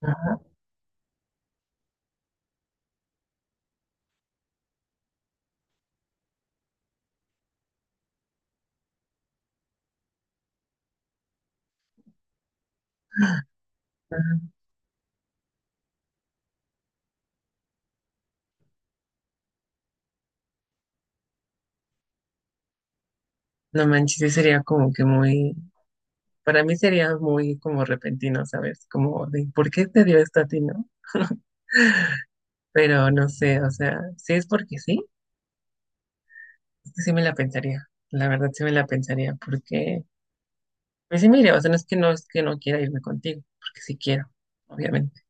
Ajá, ajá. No manches, sí sería como que muy, para mí sería muy como repentino, ¿sabes? Como de, ¿por qué te dio esto a ti, no? Pero no sé, o sea, si es porque sí, es que sí me la pensaría, la verdad sí me la pensaría, porque, pues sí me iría, o sea, no es que no, es que no quiera irme contigo, porque sí quiero, obviamente.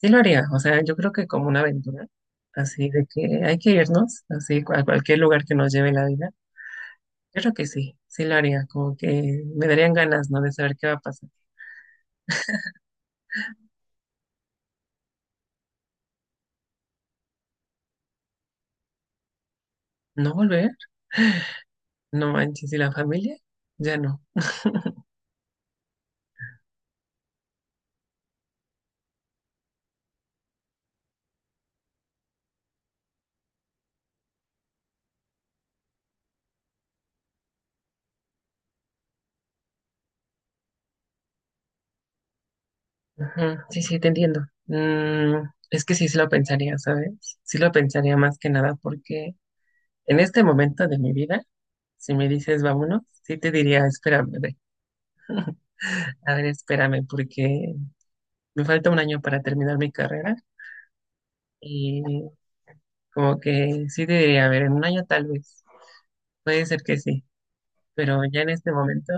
Sí lo haría, o sea, yo creo que como una aventura, así de que hay que irnos, así a cualquier lugar que nos lleve la vida, yo creo que sí, sí lo haría, como que me darían ganas, ¿no? De saber qué va a pasar. ¿No volver? No manches, ¿y la familia? Ya no. Ajá, sí, sí, te entiendo. Es que sí, sí lo pensaría, ¿sabes? Sí lo pensaría más que nada porque en este momento de mi vida, si me dices vámonos, sí te diría, espérame, a ver, espérame, porque me falta un año para terminar mi carrera y como que sí te diría, a ver, en un año tal vez, puede ser que sí, pero ya en este momento,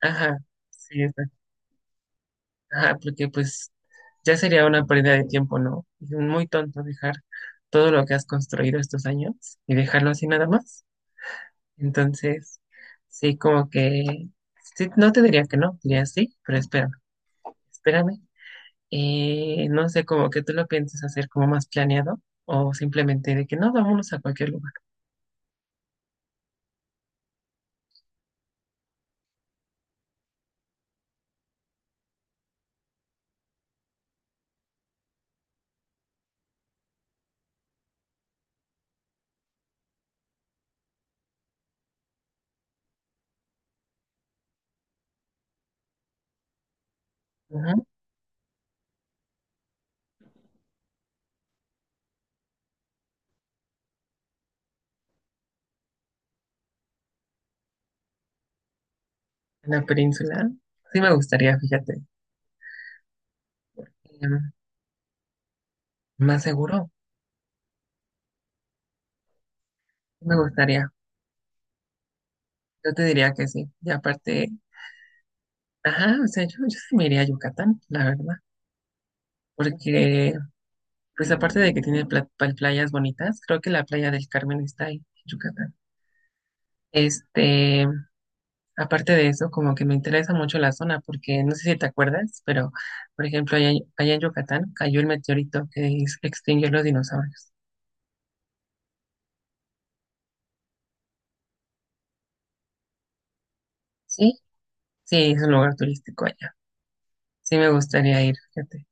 ajá, sí, ajá, porque pues ya sería una pérdida de tiempo, ¿no? Es muy tonto dejar todo lo que has construido estos años y dejarlo así nada más. Entonces, sí, como que, sí, no te diría que no, diría sí, pero espérame, espérame. No sé, como que tú lo piensas hacer como más planeado o simplemente de que no, vámonos a cualquier lugar. Ujú, en la península, sí me gustaría, fíjate, em, más seguro, me gustaría. Yo te diría que sí. Y aparte... Ajá, o sea, yo sí me iría a Yucatán, la verdad, porque pues aparte de que tiene playas bonitas, creo que la playa del Carmen está ahí, en Yucatán. Este, aparte de eso, como que me interesa mucho la zona, porque no sé si te acuerdas, pero por ejemplo, allá, en Yucatán cayó el meteorito que extinguió los dinosaurios. ¿Sí? Sí, es un lugar turístico allá. Sí me gustaría ir, fíjate.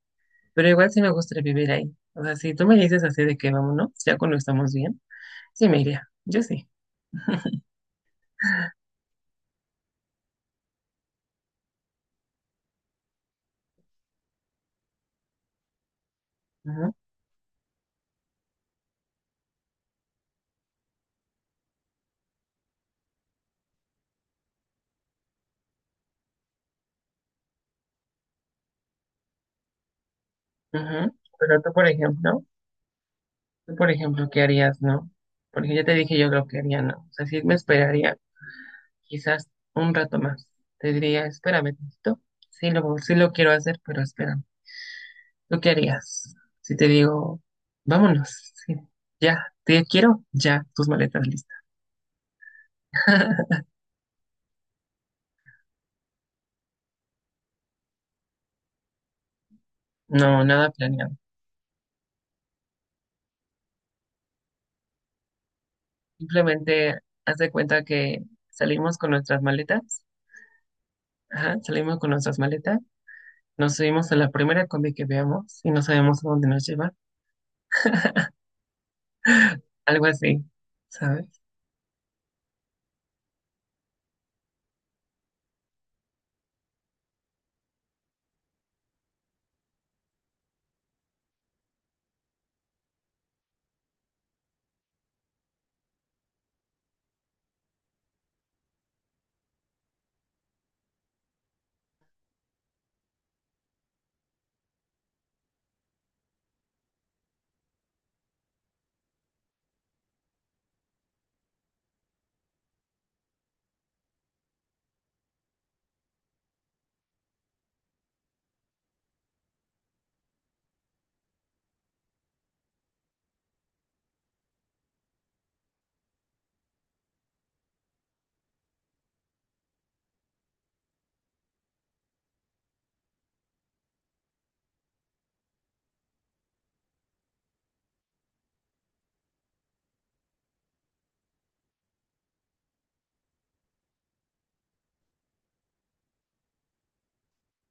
Pero igual sí me gustaría vivir ahí. O sea, si tú me dices así de que vámonos, ya cuando estamos bien, sí me iría. Yo sí. Ujú. Pero tú, por ejemplo, ¿qué harías, no? Porque ya te dije yo lo que haría, no. O sea, sí me esperaría quizás un rato más. Te diría, espérame tantito. Sí lo quiero hacer, pero espérame. ¿Tú qué harías? Si te digo, vámonos, sí, ya, te quiero, ya, tus maletas listas. No, nada planeado. Simplemente haz de cuenta que salimos con nuestras maletas. Ajá, salimos con nuestras maletas. Nos subimos a la primera combi que veamos y no sabemos a dónde nos lleva. Algo así, ¿sabes?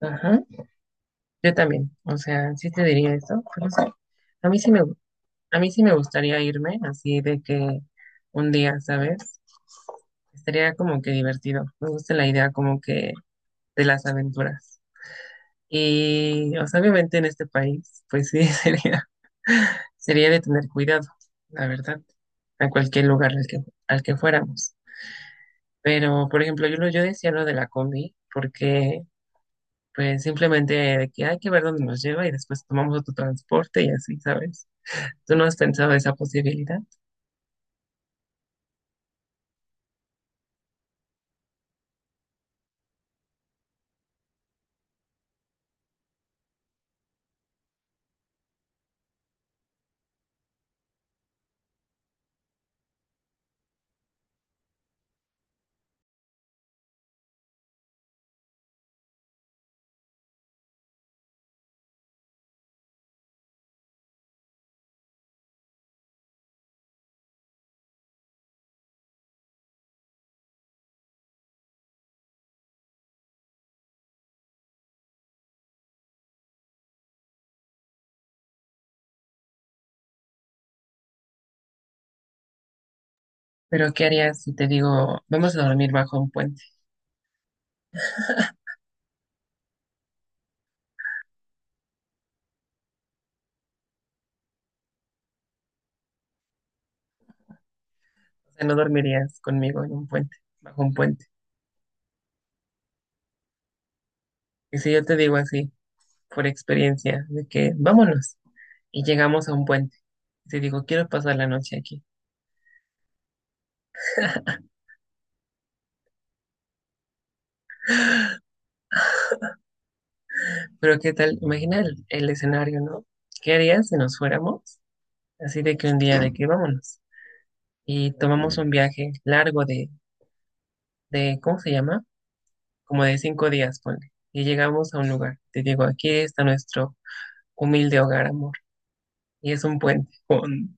Ajá. Yo también, o sea, sí te diría eso, pero no sé. A mí sí me, gu- a mí sí me gustaría irme así de que un día, ¿sabes? Estaría como que divertido. Me gusta la idea como que de las aventuras. Y, o sea, obviamente en este país, pues sí, sería, sería de tener cuidado, la verdad, a cualquier lugar al que fuéramos. Pero, por ejemplo, yo decía lo de la combi, porque pues simplemente de que hay que ver dónde nos lleva y después tomamos otro transporte y así, ¿sabes? Tú no has pensado esa posibilidad, pero ¿qué harías si te digo, vamos a dormir bajo un puente? O sea, no dormirías conmigo en un puente, bajo un puente. Y si yo te digo así, por experiencia, de que vámonos y llegamos a un puente, y te digo, quiero pasar la noche aquí. Pero ¿qué tal? Imagina el escenario, ¿no? ¿Qué harías si nos fuéramos? Así de que un día de que vámonos y tomamos un viaje largo de ¿cómo se llama? Como de 5 días, ponle. Y llegamos a un lugar. Te digo, aquí está nuestro humilde hogar, amor. Y es un puente con,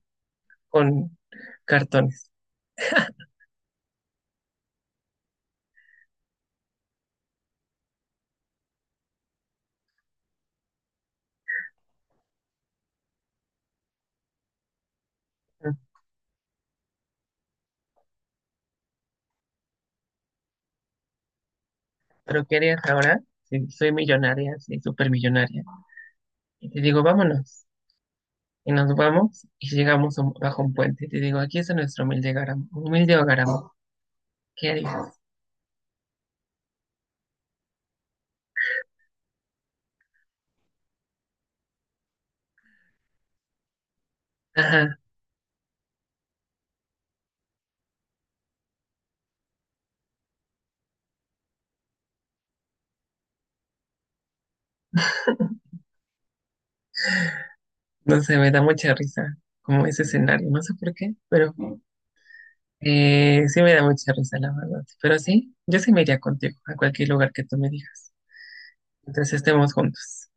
con cartones. Pero ¿qué harías ahora? Sí, soy millonaria, soy súper millonaria. Y te digo, vámonos. Y nos vamos y llegamos bajo un puente. Y te digo, aquí está nuestro humilde hogar, amor. Humilde hogar, amor. ¿Qué harías? Ajá. No sé, me da mucha risa como ese escenario. No sé por qué, pero sí me da mucha risa, la verdad. Pero sí, yo sí me iría contigo a cualquier lugar que tú me digas. Entonces estemos juntos.